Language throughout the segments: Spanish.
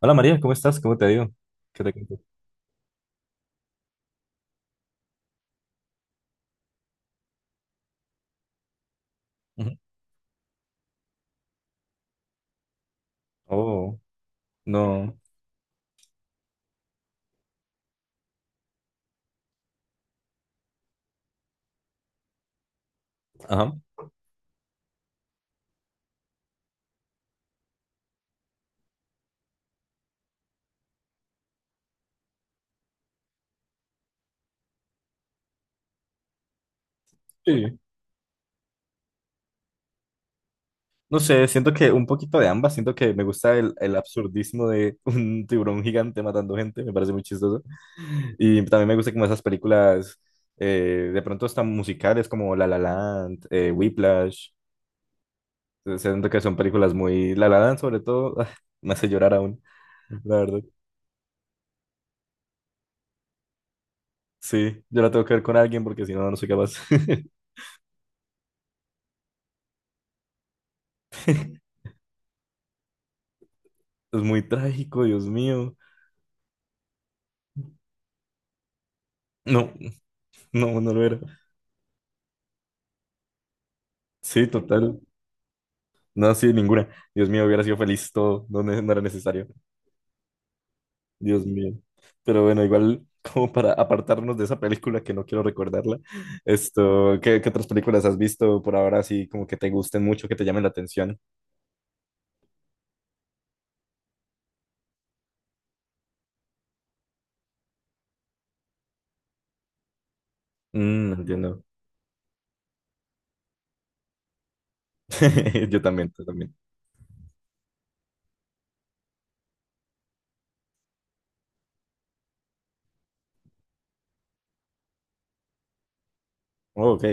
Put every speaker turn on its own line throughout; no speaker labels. Hola María, ¿cómo estás? ¿Cómo te ha ido? ¿Qué te cuento? Ujú. Oh, no. Ajá. Sí. No sé, siento que un poquito de ambas. Siento que me gusta el absurdismo de un tiburón gigante matando gente. Me parece muy chistoso. Y también me gusta como esas películas de pronto están musicales como La La Land, Whiplash. Siento que son películas muy... La La Land sobre todo me hace llorar aún, la verdad. Sí, yo la tengo que ver con alguien porque si no, no soy capaz. Es muy trágico, Dios mío. No, no, no lo era. Sí, total. No, sí, ninguna. Dios mío, hubiera sido feliz todo. No, no era necesario. Dios mío. Pero bueno, igual, como para apartarnos de esa película que no quiero recordarla, esto, ¿qué otras películas has visto por ahora así como que te gusten mucho, que te llamen la atención? Mm, entiendo. Yo también, yo también. Oh, ok.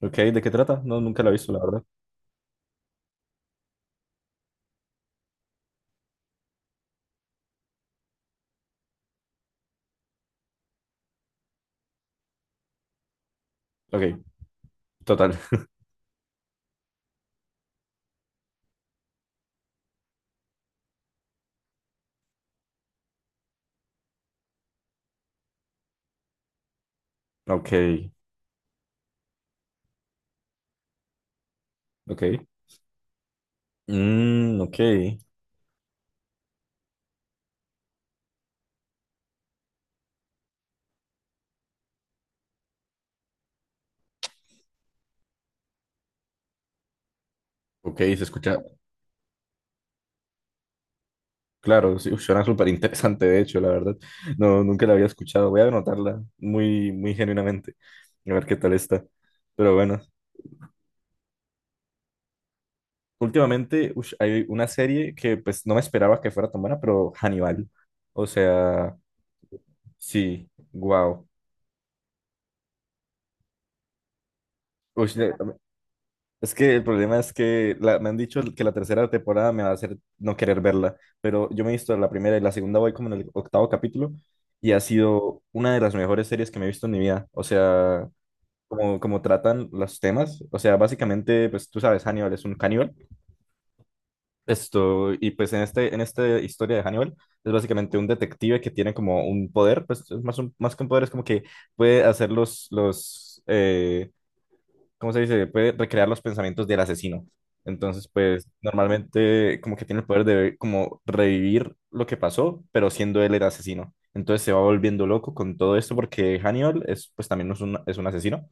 Ok, ¿de qué trata? No, nunca la he visto, la verdad. Ok, total. Ok, ok. Mm, ok. Ok, se escucha. Claro, sí, uf, suena súper interesante, de hecho, la verdad. No, nunca la había escuchado. Voy a anotarla muy, muy genuinamente, a ver qué tal está. Pero bueno, últimamente ush, hay una serie que pues no me esperaba que fuera tan buena, pero Hannibal. O sea, sí, wow. Es que el problema es que me han dicho que la tercera temporada me va a hacer no querer verla, pero yo me he visto la primera y la segunda voy como en el octavo capítulo y ha sido una de las mejores series que me he visto en mi vida. O sea... como, como tratan los temas. O sea, básicamente, pues tú sabes, Hannibal es un caníbal. Esto, y pues en esta historia de Hannibal, es básicamente un detective que tiene como un poder, pues es más, más que un poder, es como que puede hacer los, ¿cómo se dice? Puede recrear los pensamientos del asesino. Entonces, pues normalmente como que tiene el poder de como revivir lo que pasó, pero siendo él el asesino. Entonces se va volviendo loco con todo esto porque Hannibal es pues también es un asesino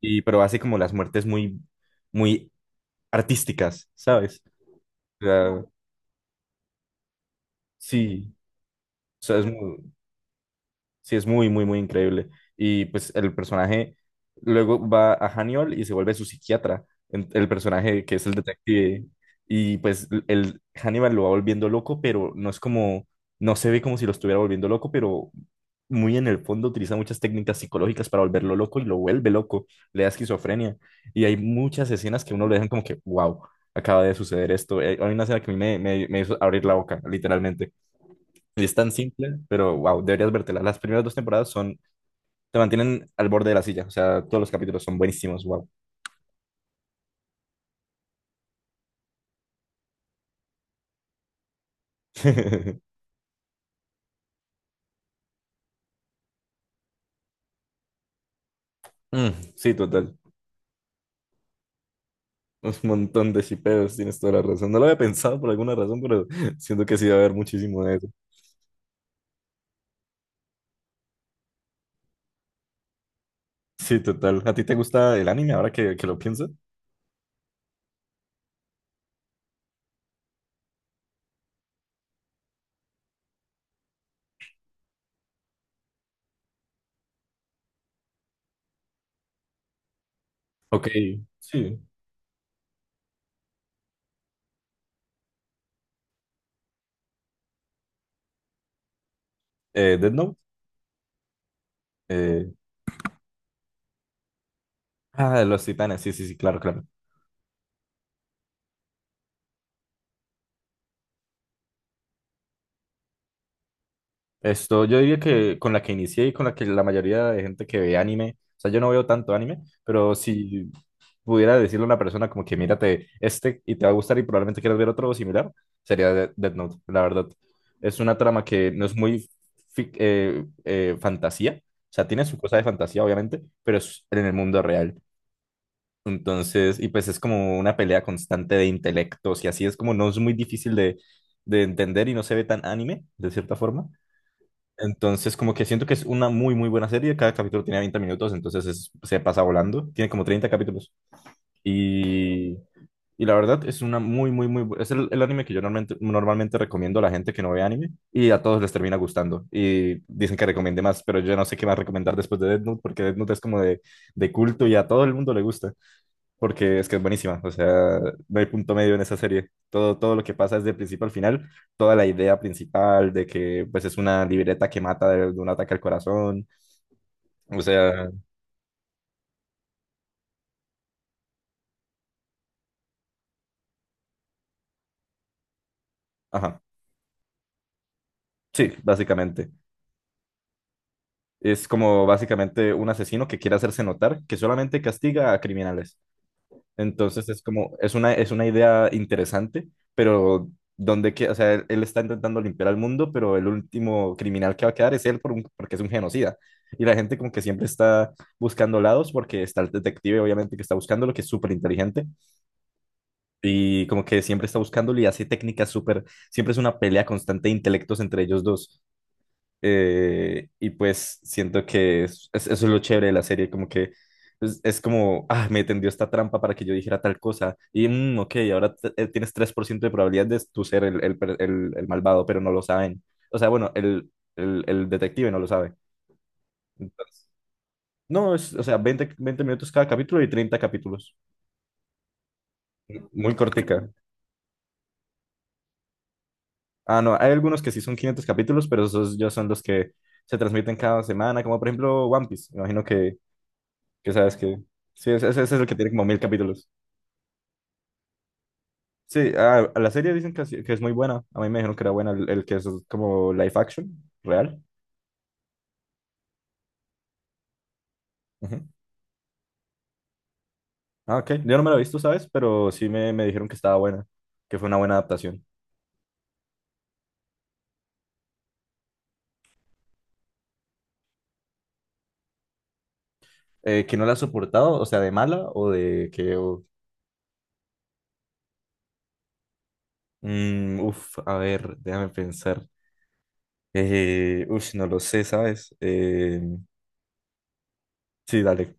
y, pero hace como las muertes muy, muy artísticas, ¿sabes? O sea, sí, o sea, es muy, sí, es muy, muy, muy increíble. Y pues el personaje luego va a Haniol y se vuelve su psiquiatra, el personaje que es el detective. Y pues el Hannibal lo va volviendo loco, pero no es como, no se ve como si lo estuviera volviendo loco, pero muy en el fondo utiliza muchas técnicas psicológicas para volverlo loco y lo vuelve loco, le da esquizofrenia. Y hay muchas escenas que uno le dejan como que, wow, acaba de suceder esto. Hay una escena que a mí me hizo abrir la boca, literalmente y es tan simple, pero wow, deberías vértela. Las primeras dos temporadas son, te mantienen al borde de la silla. O sea, todos los capítulos son buenísimos, wow. Mm, sí, total. Un montón de shipeos, tienes toda la razón. No lo había pensado por alguna razón, pero siento que sí va a haber muchísimo de eso. Sí, total. ¿A ti te gusta el anime ahora que lo pienso? Ok, sí. Death Note. Eh, ah, Los Titanes, sí, sí, sí, claro, claro. Esto, yo diría que con la que inicié y con la que la mayoría de gente que ve anime, o sea, yo no veo tanto anime, pero si pudiera decirle a una persona como que mírate este y te va a gustar y probablemente quieras ver otro similar, sería Death Note, la verdad. Es una trama que no es muy fantasía, o sea, tiene su cosa de fantasía, obviamente, pero es en el mundo real. Entonces, y pues es como una pelea constante de intelectos y así es como no es muy difícil de entender y no se ve tan anime, de cierta forma. Entonces, como que siento que es una muy, muy buena serie. Cada capítulo tiene 20 minutos, entonces se pasa volando. Tiene como 30 capítulos. Y, y la verdad es una muy, muy, muy... Es el anime que yo normalmente, normalmente recomiendo a la gente que no ve anime y a todos les termina gustando. Y dicen que recomiende más, pero yo no sé qué más recomendar después de Death Note porque Death Note es como de culto y a todo el mundo le gusta porque es que es buenísima, o sea, no hay punto medio en esa serie. Todo, todo lo que pasa es de principio al final, toda la idea principal de que pues es una libreta que mata de un ataque al corazón, o sea, ajá, sí, básicamente. Es como básicamente un asesino que quiere hacerse notar que solamente castiga a criminales. Entonces es como, es una idea interesante, pero donde que, o sea, él está intentando limpiar al mundo, pero el último criminal que va a quedar es él por porque es un genocida. Y la gente como que siempre está buscando lados porque está el detective, obviamente, que está buscándolo, que es súper inteligente y como que siempre está buscándolo y hace técnicas súper, siempre es una pelea constante de intelectos entre ellos dos. Y pues siento que eso es lo chévere de la serie, como que es como, ah, me tendió esta trampa para que yo dijera tal cosa. Y, mm, ok, ahora tienes 3% de probabilidad de tú ser el malvado, pero no lo saben. O sea, bueno, el detective no lo sabe. Entonces, no, es, o sea, 20 minutos cada capítulo y 30 capítulos. Muy cortica. Ah, no, hay algunos que sí son 500 capítulos, pero esos ya son los que se transmiten cada semana, como por ejemplo One Piece. Me imagino que sabes que. Sí, ese es el que tiene como 1000 capítulos. Sí, a la serie dicen que, así- que es muy buena. A mí me dijeron que era buena el que es como live action, real. Ujú. Ah, ok. Yo no me la he visto, ¿sabes? Pero sí me dijeron que estaba buena, que fue una buena adaptación. ¿Que no la has soportado? O sea, de mala o de que. O- Mm, uf, a ver, déjame pensar. Ush, no lo sé, ¿sabes? Sí, dale.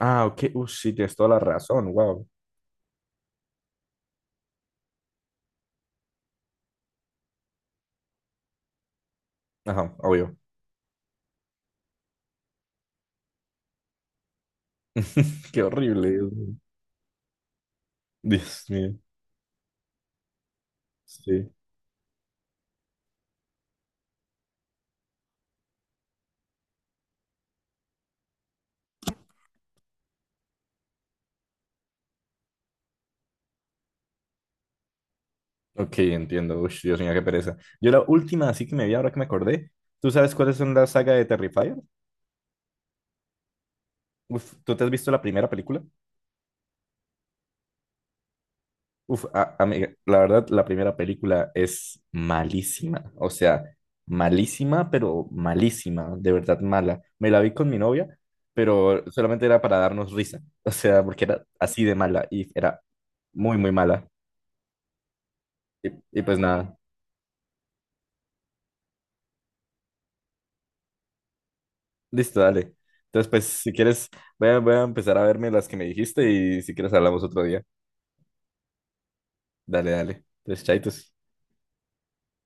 Ah, ok. Uff sí, tienes toda la razón. Wow. Ajá, obvio. Qué horrible. Dios mío. Dios mío. Sí. Ok, entiendo. Uy, Dios mío, qué pereza. Yo la última, así que me vi ahora que me acordé. ¿Tú sabes cuáles son la saga de Terrifier? Uf, ¿tú te has visto la primera película? Uf, amiga, la verdad, la primera película es malísima. O sea, malísima, pero malísima, de verdad mala. Me la vi con mi novia, pero solamente era para darnos risa. O sea, porque era así de mala y era muy, muy mala. Y y pues nada. Listo, dale. Entonces, pues, si quieres, voy a, voy a empezar a verme las que me dijiste y si quieres hablamos otro día. Dale, dale. Entonces, chaitos.